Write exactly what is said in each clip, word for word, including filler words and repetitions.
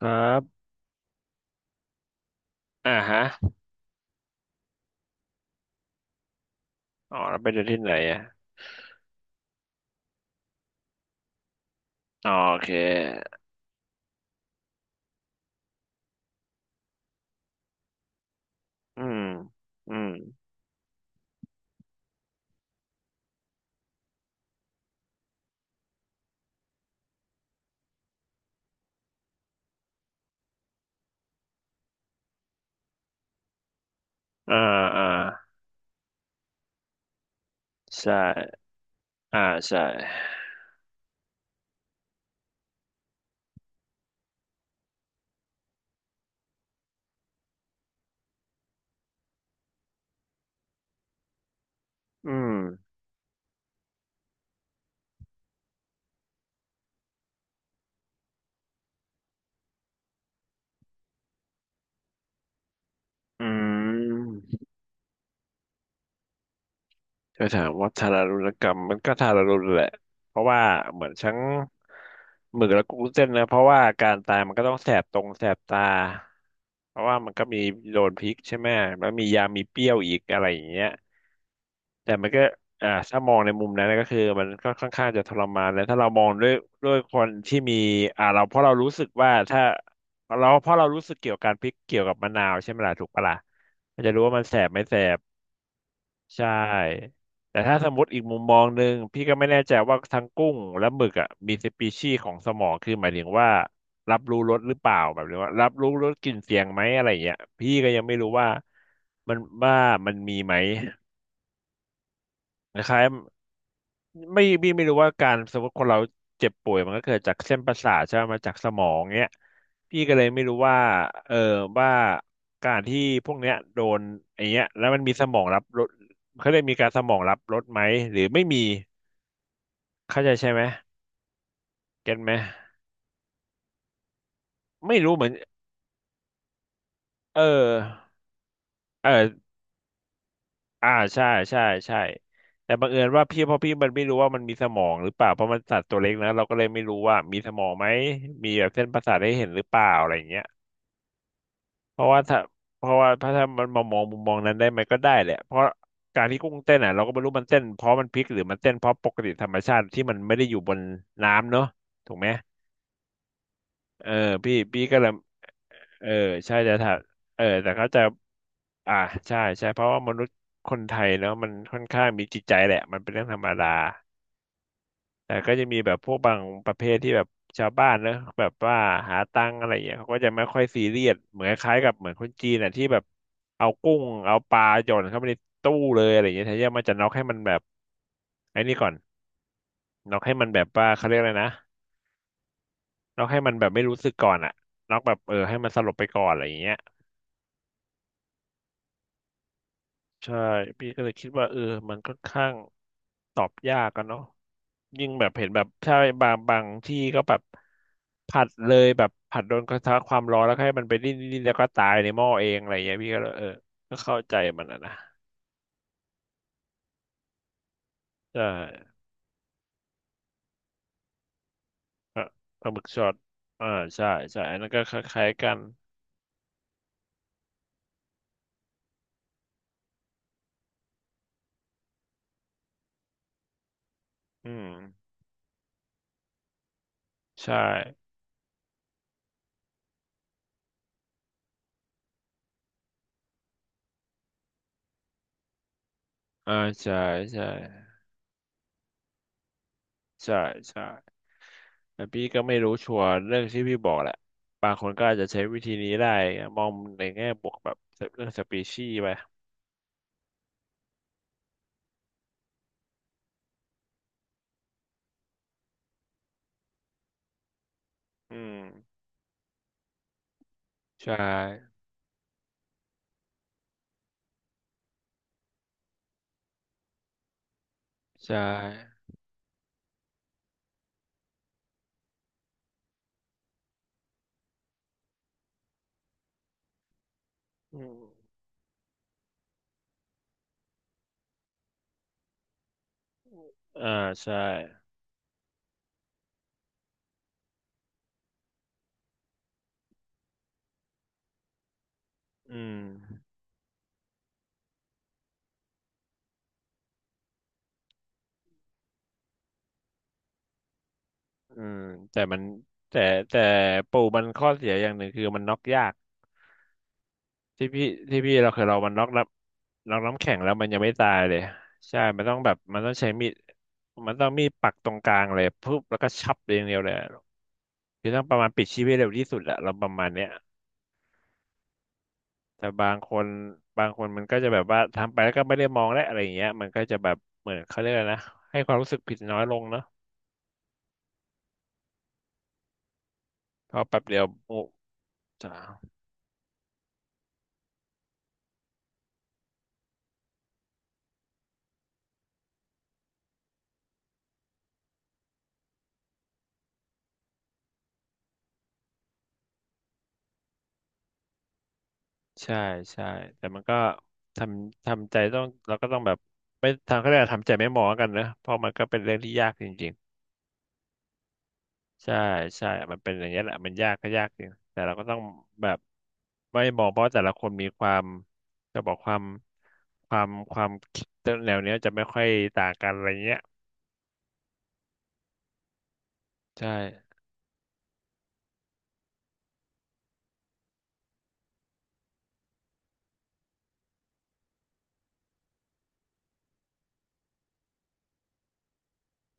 ครับอ่าฮะอ๋อแล้วไปเจอที่ไหนอ่ะอ๋อโอเคอืมอืมอ่าอ่าใช่อ่าใช่อืมอืมจะถามว่าทารุณกรรมมันก็ทารุณแหละ เพราะว่าเหมือนทั้งหมึกและกุ้งเส้นนะ เพราะว่าการตายมันก็ต้องแสบตรงแสบตาเพราะว่ามันก็มีโดนพริกใช่ไหมแล้วมียามีเปรี้ยวอีกอะไรอย่างเงี้ย แต่มันก็อ่าถ้ามองในมุมนั้นนะก็คือมันก็ค่อนข้างจะทรมานแล้วถ้าเรามองด้วยด้วยคนที่มีอ่าเราเพราะเรารู้สึกว่าถ้าเราเพราะเรารู้สึกเกี่ยวกับการพริกเกี่ยวกับมะนาวใช่ไหมล่ะถูกปะล่ะมันจะรู้ว่ามันแสบไม่แสบใช่แต่ถ้าสมมติอีกมุมมองหนึ่งพี่ก็ไม่แน่ใจว่าทั้งกุ้งและหมึกอ่ะมีสปีชีส์ของสมองคือหมายถึงว่ารับรู้รสหรือเปล่าแบบนี้ว่ารับรู้รสกลิ่นเสียงไหมอะไรอย่างเงี้ยพี่ก็ยังไม่รู้ว่ามันว่ามันมีไหมคล้าย ไม่พี่ไม่รู้ว่าการสมมติคนเราเจ็บป่วยมันก็เกิดจากเส้นประสาทใช่ไหมมาจากสมองเนี้ยพี่ก็เลยไม่รู้ว่าเออว่าการที่พวกเนี้ยโดนไอ้เนี้ยแล้วมันมีสมองรับรสเขาเรียกมีการสมองรับรสไหมหรือไม่มีเข้าใจใช่ไหมเก็ตไหมไม่รู้เหมือนเออเอออ่าใช่ใช่ใช่แต่บังเอิญว่าพี่เพราะพี่มันไม่รู้ว่ามันมีสมองหรือเปล่าเพราะมันสัตว์ตัวเล็กนะเราก็เลยไม่รู้ว่ามีสมองไหมมีแบบเส้นประสาทให้เห็นหรือเปล่าอะไรอย่างเงี้ย เพราะว่าถ้าเพราะว่าถ้าถ้ามันมามองมุมมองนั้นได้ไหมก็ได้แหละเพราะการที่กุ้งเต้นอ่ะเราก็ไม่รู้มันเต้นเพราะมันพลิกหรือมันเต้นเพราะปกติธรรมชาติที่มันไม่ได้อยู่บนน้ำเนอะถูกไหมเออพี่พี่ก็เลยเออใช่แต่ถ้าเออแต่เขาจะอ่าใช่ใช่เพราะว่ามนุษย์คนไทยเนอะมันค่อนข้างมีจิตใจแหละมันเป็นเรื่องธรรมดา แต่ก็จะมีแบบพวกบางประเภทที่แบบชาวบ้านเนอะแบบว่าหาตังค์อะไรอย่างเงี้ยเขาก็จะไม่ค่อยซีเรียสเหมือนคล้ายๆกับเหมือนคนจีนอ่ะที่แบบเอากุ้งเอาปลาหย่อนเข้าไปในตู้เลยอะไรอย่างเงี้ยแทนที่มันจะน็อกให้มันแบบไอ้นี่ก่อนน็อกให้มันแบบว่าเขาเรียกอะไรนะน็อกให้มันแบบไม่รู้สึกก่อนอ่ะน็อกแบบเออให้มันสลบไปก่อนอะไรอย่างเงี้ย ใช่พี่ก็เลยคิดว่าเออมันค่อนข้างตอบยากกันเนาะยิ่งแบบเห็นแบบใช่บางบางที่ก็แบบผัดเลยแบบผัดโดนกระทะความร้อนแล้วให้มันไปดิ้นดิ้นแล้วก็ตายในหม้อเองอะไรอย่างเงี้ยพี่ก็เลยเออก็เข้าใจมันอะนะใช่ปลาปลาหมึกช็อตอ่าใช่ใช่อันนั้นก็คล้ายๆกันอืมใช่อ่าใช่ใช่ใช่ใช่ แต่พี่ก็ไม่รู้ชัวร์เรื่องที่พี่บอกแหละบางคนก็อาจจะใช้วิธีนี้ได้มองในแง่บวกแบบเรื่องสปีชีส์ไปอืมใช่ใช่อืมอ่าใช่อืมอืมแต่มันแต่แต่ปูมันข้อเสียอย่างหนึ่งคือมันน็อกยากที่พี่ที่พี่เราเคยเรามันน็อกน้ำน็อกน้ำแข็งแล้วมันยังไม่ตายเลย ใช่มันต้องแบบมันต้องใช้มีดมันต้องมีดปักตรงกลางเลยปุ๊บแล้วก็ชับเรียางเดียวเลย คือต้องประมาณปิดชีพให้เร็วที่สุดแหละเราประมาณเนี้ยแต่บางคนบางคนมันก็จะแบบว่าทำไปแล้วก็ไม่ได้มองและอะไรอย่างเงี้ยมันก็จะแบบเหมือนเขาเรียกอะไรนะให้ความรู้สึกผิดน้อยลงเนาะเพราะแป๊บเดียวโอ้จ้าใช่ใช่แต่มันก็ทำทำใจต้องเราก็ต้องแบบไม่ทางเขาเรียกอะไรทำใจไม่มองแล้วกันนะเพราะมันก็เป็นเรื่องที่ยากจริงๆ ใช่ใช่มันเป็นอย่างเี้ยแหละมันยากก็ยากจริงแต่เราก็ต้องแบบไม่มองเพราะแต่ละคนมีความจะบอกความความความคิดแนวเนี้ยจะไม่ค่อยต่างกันอะไรเงี้ยใช่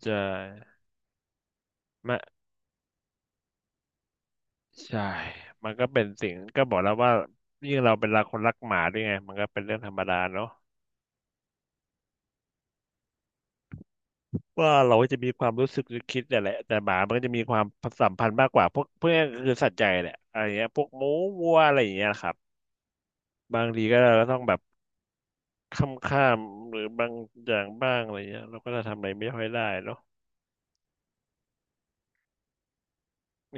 จะไม่ใช่มันก็เป็นสิ่งก็บอกแล้วว่ายิ่งเราเป็นรักคนรักหมาด้วยไงมันก็เป็นเรื่องธรรมดาเนาะว่าเราจะมีความรู้สึกหรือคิดเนี่ยแหละแต่หมามันก็จะมีความสัมพันธ์มากกว่าพวกเพื่อนคือสัตว์ใหญ่แหละอะไรเงี้ยพวกหมูวัวอะไรอย่างเงี้ยนะครับบางทีก็เราก็ต้องแบบ ค่ำค่ำหรือบางอย่างบ้างอะไรเงี้ยเราก็จะทำอะไรไม่ค่อยได้เนาะ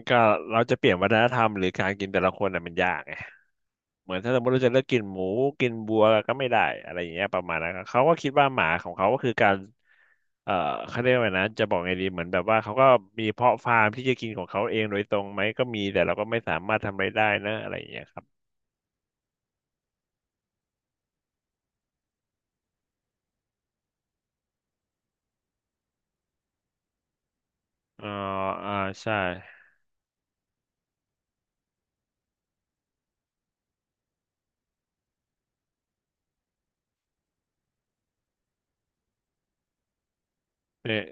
ก็เราจะเปลี่ยนวัฒนธรรมหรือการกินแต่ละคนน่ะมันยากไงเหมือนถ้าสมมติเราจะเลิกกินหมูกินบัวก็ไม่ได้อะไรอย่างเงี้ยประมาณนั้นครับเขาก็คิดว่าหมาของเขาก็คือการเอ่อเขาเรียกว่าไงนะจะบอกไงดีเหมือนแบบว่าเขาก็มีเพาะฟาร์มที่จะกินของเขาเองโดยตรงไหมก็มีแต่เราก็ไม่สามารถทำอะไรได้นะอะไรอย่างเงี้ยครับอ๋ออ่าใช่เนี่ย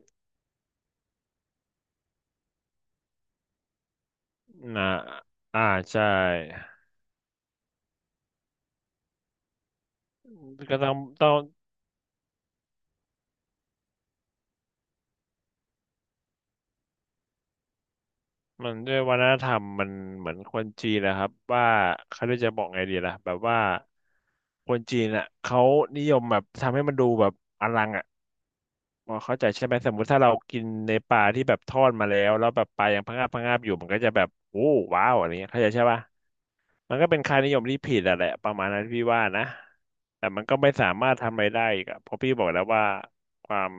นะอ่าใช่ก็ต้องต้อง มันด้วยวัฒนธรรมมันเหมือนคนจีนนะครับว่าเขาเรียกจะบอกไงดีล่ะแบบว่าคนจีนอ่ะเขานิยมแบบทำให้มันดูแบบอลังอ่ะพอเข้าใจใช่ไหมสมมุติถ้าเรากินในปลาที่แบบทอดมาแล้วแล้วแบบปลายังพะงาบพะงาบอยู่มันก็จะแบบโอ้ว้าวอะไรเงี้ยเข้าใจใช่ปะมันก็เป็นค่านิยมที่ผิดอะแหละประมาณนั้นพี่ว่านะแต่มันก็ไม่สามารถทำอะไรได้อีกอะเพราะพี่บอกแล้วว่าความ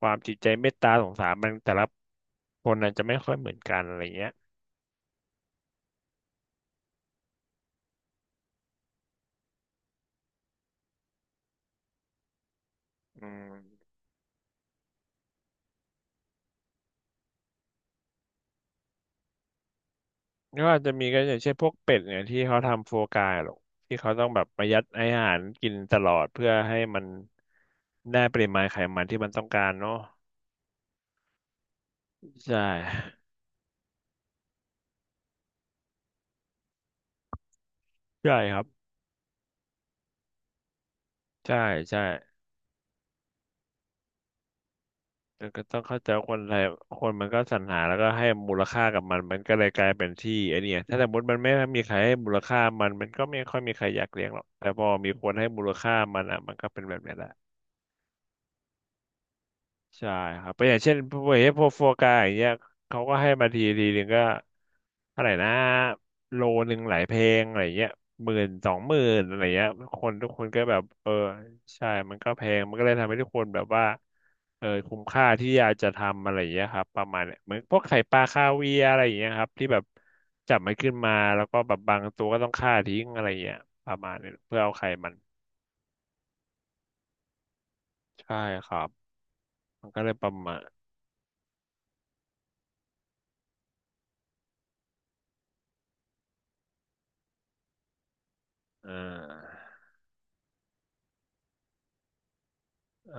ความจิตใจเมตตาสงสารมันแต่ละคนน่ะจะไม่ค่อยเหมือนกันอะไรเงี้ย อืมก็อาจจะมีก็อย่างเช่นพวกเป็ดเนี่ยที่เขาทำโฟกาหรอกที่เขาต้องแบบประหยัดอาหารกินตลอดเพื่อให้มันได้ปริมาณไขมันที่มันต้องการเนาะใช่ใช่ครับใช่ใช่แต่ก็ต้องเข้าใจว่าคนไทยคนมันก็สรรหาแล้วก็ให้มูลค่ากับมันมันก็เลยกลายเป็นที่ไอเนี่ยถ้าสมมติมันไม่มีใครให้มูลค่ามันมันก็ไม่ค่อยมีใครอยากเลี้ยงหรอกแต่พอมีคนให้มูลค่ามันอ่ะมันก็เป็นแบบเนี้ยแหละ ใช่ครับเพราะอย่างเช่นพวกเฮพวกโฟกาอย่างเงี้ยเขาก็ให้มาทีทีหนึ่งก็เท่าไหร่นะโลหนึ่งหลายเพลงอะไรเงี้ยหมื่นสองหมื่นอะไรเงี้ยคนทุกคนก็แบบเออใช่มันก็แพงมันก็เลยทำให้ทุกคนแบบว่าเออคุ้มค่าที่อยากจะทำอะไรเงี้ยครับประมาณเนียเหมือนพวกไข่ปลาคาเวียร์อะไรเงี้ยครับที่แบบจับมันขึ้นมาแล้วก็แบบบางตัวก็ต้องฆ่าทิ้งอะไรเงี้ยประมาณเนี้ยเพื่อเอาไข่มันใช่ครับมันก็เลยประมาณอ่าเอ่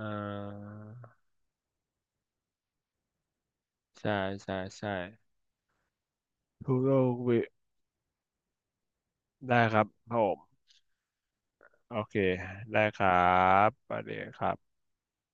อ ใช่ใช่ใช่ทุกโลกวิได้ครับครับผมโอเค ได้ครับประเดี๋ยวครับ